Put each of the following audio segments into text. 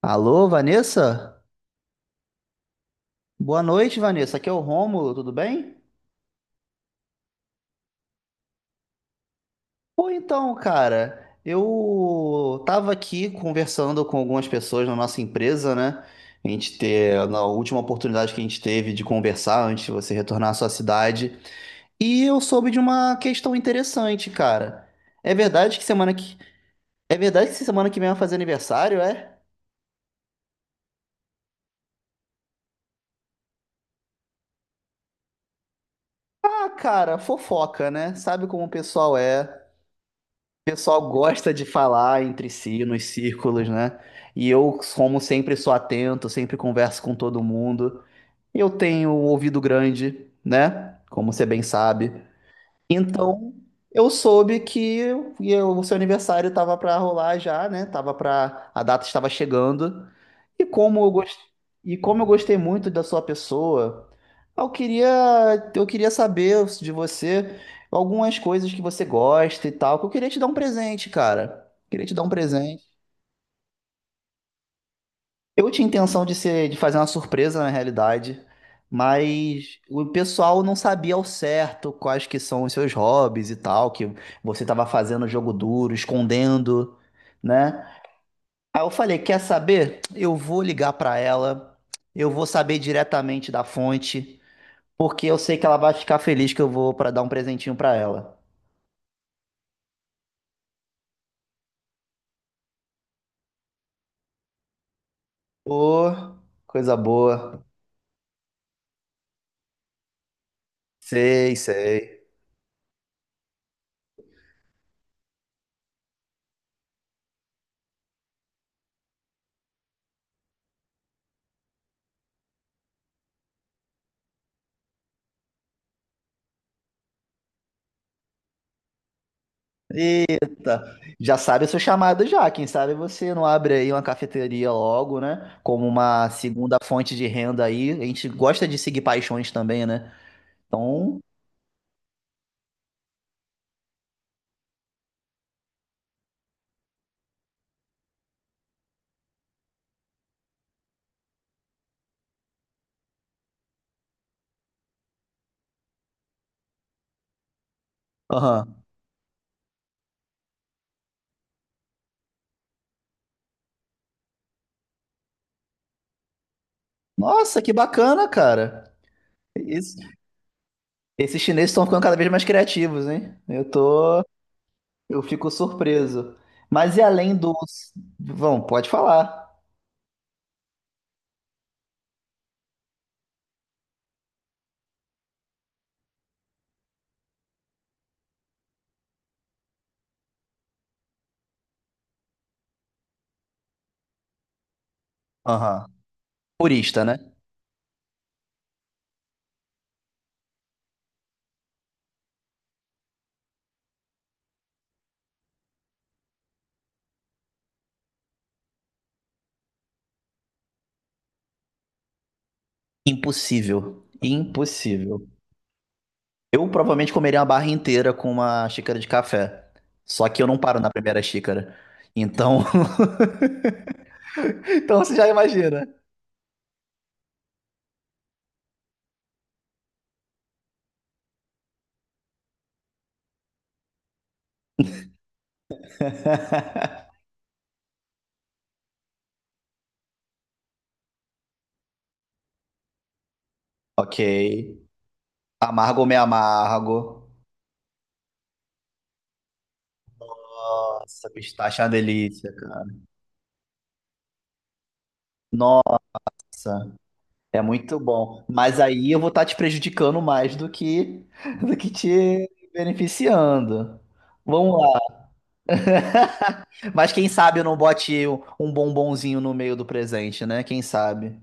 Alô, Vanessa? Boa noite, Vanessa. Aqui é o Rômulo, tudo bem? Pô, então, cara, eu tava aqui conversando com algumas pessoas na nossa empresa, né? A gente ter, na última oportunidade que a gente teve de conversar antes de você retornar à sua cidade, e eu soube de uma questão interessante, cara. É verdade que semana que É verdade que semana que vem vai fazer aniversário, é? Ah, cara, fofoca, né? Sabe como o pessoal é. O pessoal gosta de falar entre si nos círculos, né? E eu, como sempre, sou atento, sempre converso com todo mundo. Eu tenho um ouvido grande, né? Como você bem sabe. Então, eu soube que o seu aniversário estava para rolar já, né? Tava para a data estava chegando. E como eu gos- e como eu gostei muito da sua pessoa, eu queria eu queria saber de você algumas coisas que você gosta e tal, que eu queria te dar um presente, cara. Queria te dar um presente. Eu tinha intenção de ser, de fazer uma surpresa na realidade, mas o pessoal não sabia ao certo quais que são os seus hobbies e tal, que você estava fazendo jogo duro, escondendo, né? Aí eu falei, quer saber? Eu vou ligar para ela, eu vou saber diretamente da fonte, porque eu sei que ela vai ficar feliz que eu vou para dar um presentinho para ela. Ô, coisa boa. Sei, sei. Tá. Já sabe o seu chamado já. Quem sabe você não abre aí uma cafeteria logo, né? Como uma segunda fonte de renda aí. A gente gosta de seguir paixões também, né? Então, aham. Nossa, que bacana, cara. Isso- esses chineses estão ficando cada vez mais criativos, hein? Eu tô, eu fico surpreso. Mas e além dos, vão, pode falar. Aham. Purista, né? Impossível. Impossível. Eu provavelmente comeria uma barra inteira com uma xícara de café. Só que eu não paro na primeira xícara. Então, então você já imagina. Ok. Amargo ou meio amargo? Nossa, pistache é uma delícia, cara. Nossa, é muito bom. Mas aí eu vou estar te prejudicando mais do que do que te beneficiando. Vamos lá. Mas quem sabe eu não bote um bombonzinho no meio do presente, né? Quem sabe?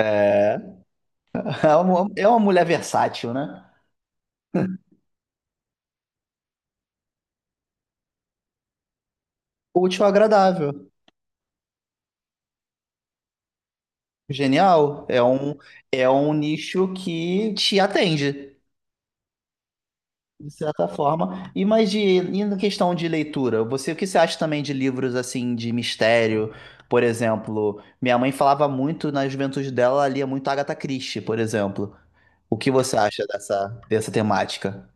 É. É uma mulher versátil, né? Útil, agradável, genial. É um nicho que te atende, de certa forma. E na questão de leitura, você, o que você acha também de livros assim de mistério? Por exemplo, minha mãe falava muito na juventude dela, ela lia muito Agatha Christie, por exemplo. O que você acha dessa temática?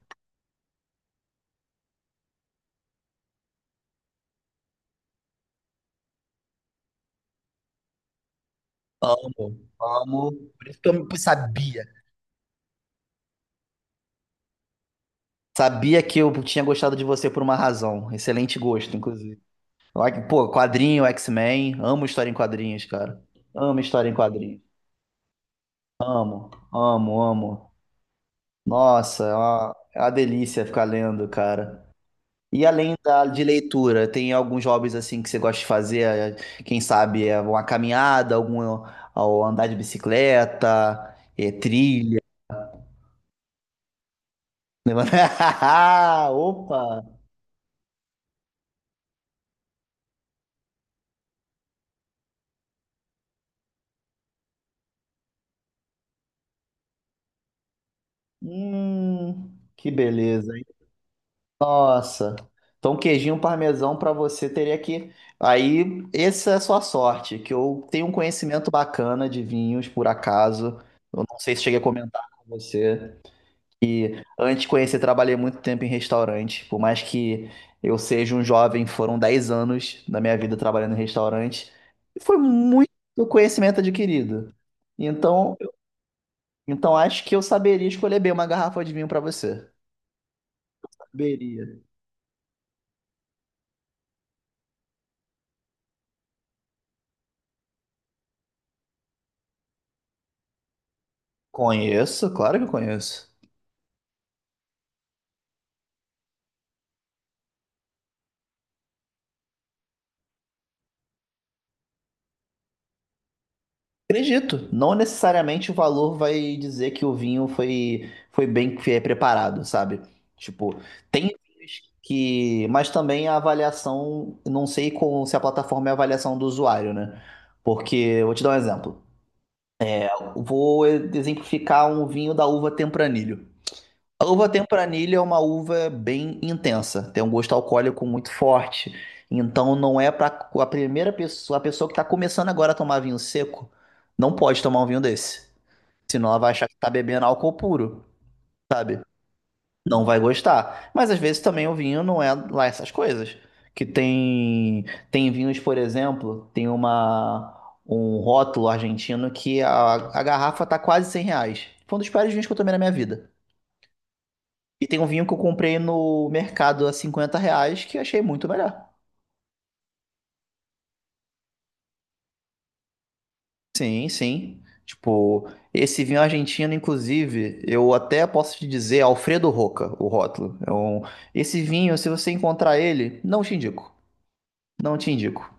Amo. Amo. Por isso que eu sabia. Sabia que eu tinha gostado de você por uma razão. Excelente gosto, inclusive. Like, pô, quadrinho, X-Men. Amo história em quadrinhos, cara. Amo história em quadrinhos. Amo, amo, amo. Nossa, é uma delícia ficar lendo, cara. De leitura, tem alguns hobbies assim que você gosta de fazer? É, quem sabe é uma caminhada, algum ou andar de bicicleta, é, trilha. Opa! Hum, que beleza. Nossa. Então, um queijinho parmesão para você teria que. Aí, essa é a sua sorte, que eu tenho um conhecimento bacana de vinhos, por acaso. Eu não sei se cheguei a comentar com você. E antes de conhecer, trabalhei muito tempo em restaurante. Por mais que eu seja um jovem, foram 10 anos da minha vida trabalhando em restaurante. E foi muito conhecimento adquirido. Então, então acho que eu saberia escolher bem uma garrafa de vinho para você. Saberia. Conheço, claro que eu conheço. Acredito, não necessariamente o valor vai dizer que o vinho foi, foi bem preparado, sabe? Tipo, tem vinhos que. Mas também a avaliação, não sei com, se a plataforma é a avaliação do usuário, né? Porque, vou te dar um exemplo. Vou exemplificar um vinho da uva Tempranilho. A uva Tempranilho é uma uva bem intensa, tem um gosto alcoólico muito forte. Então, não é para a primeira pessoa, a pessoa que está começando agora a tomar vinho seco, não pode tomar um vinho desse. Senão ela vai achar que tá bebendo álcool puro, sabe? Não vai gostar. Mas às vezes também o vinho não é lá essas coisas. Que tem tem vinhos, por exemplo, tem uma um rótulo argentino a garrafa tá quase R$ 100. Foi um dos piores vinhos que eu tomei na minha vida. E tem um vinho que eu comprei no mercado a R$ 50 que eu achei muito melhor. Sim, sim. Tipo, esse vinho argentino, inclusive, eu até posso te dizer Alfredo Roca, o rótulo. Esse vinho, se você encontrar ele, não te indico. Não te indico.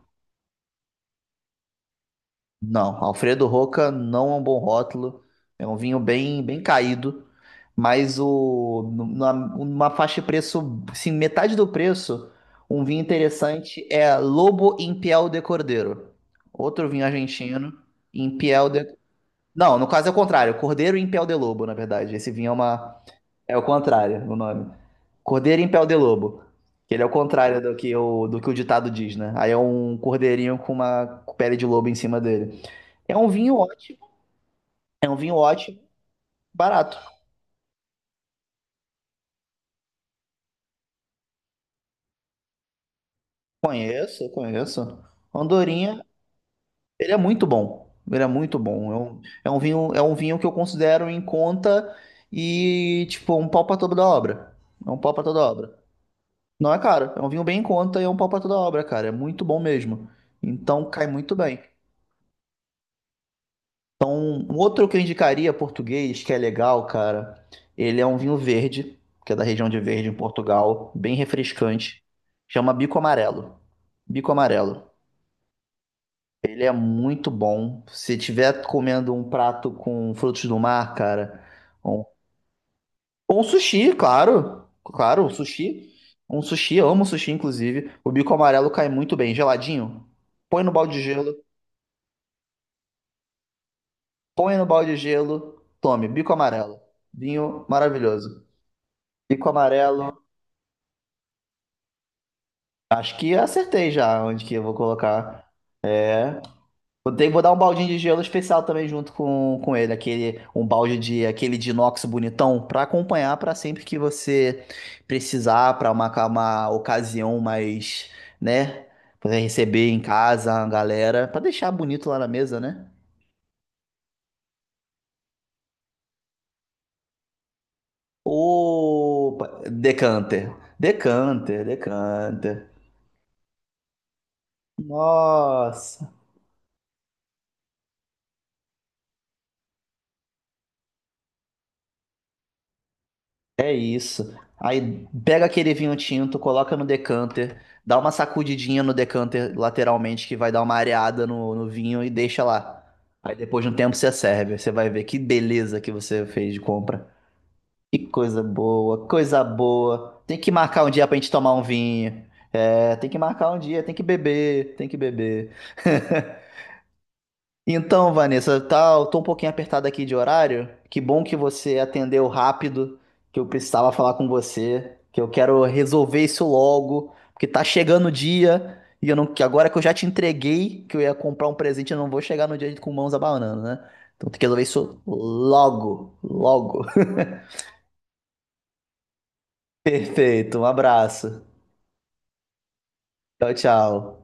Não, Alfredo Roca não é um bom rótulo. É um vinho bem, bem caído. Mas o, numa faixa de preço, assim, metade do preço, um vinho interessante é Lobo Impiel de Cordeiro. Outro vinho argentino, Impiel de Não, no caso é o contrário. Cordeiro em Pel de Lobo, na verdade. Esse vinho é uma. É o contrário, o nome. Cordeiro em Pel de Lobo. Que ele é o contrário do que do que o ditado diz, né? Aí é um cordeirinho com uma pele de lobo em cima dele. É um vinho ótimo. É um vinho ótimo, barato. Conheço, conheço. Andorinha, ele é muito bom. Ele é muito bom. É um vinho que eu considero em conta e, tipo, um pau pra toda obra. É um pau pra toda obra. Não é caro, é um vinho bem em conta e é um pau pra toda obra, cara. É muito bom mesmo. Então cai muito bem. Um outro que eu indicaria português, que é legal, cara, ele é um vinho verde, que é da região de Verde, em Portugal, bem refrescante. Chama Bico Amarelo. Bico Amarelo. Ele é muito bom. Se tiver comendo um prato com frutos do mar, cara, um, ou um sushi, claro. Claro, um sushi. Um sushi, eu amo sushi, inclusive. O bico amarelo cai muito bem, geladinho. Põe no balde de gelo. Põe no balde de gelo, tome, bico amarelo. Vinho maravilhoso. Bico amarelo. Acho que acertei já onde que eu vou colocar. Vou ter, vou dar um baldinho de gelo especial também junto com ele, aquele um balde de aquele de inox bonitão pra acompanhar pra sempre que você precisar pra uma ocasião mais, né, poder receber em casa a galera, pra deixar bonito lá na mesa, né? Opa, decanter, decanter, decanter. Nossa, é isso. Aí pega aquele vinho tinto, coloca no decanter, dá uma sacudidinha no decanter lateralmente, que vai dar uma areada no vinho e deixa lá. Aí depois de um tempo você serve. Você vai ver que beleza que você fez de compra. Que coisa boa, coisa boa. Tem que marcar um dia pra gente tomar um vinho. É, tem que marcar um dia, tem que beber, tem que beber. Então, Vanessa, tá, eu tô um pouquinho apertado aqui de horário. Que bom que você atendeu rápido, que eu precisava falar com você, que eu quero resolver isso logo, porque tá chegando o dia e eu não, que agora que eu já te entreguei que eu ia comprar um presente, eu não vou chegar no dia com mãos abanando, né? Então tem que resolver isso logo, logo. Perfeito, um abraço. Tchau, tchau.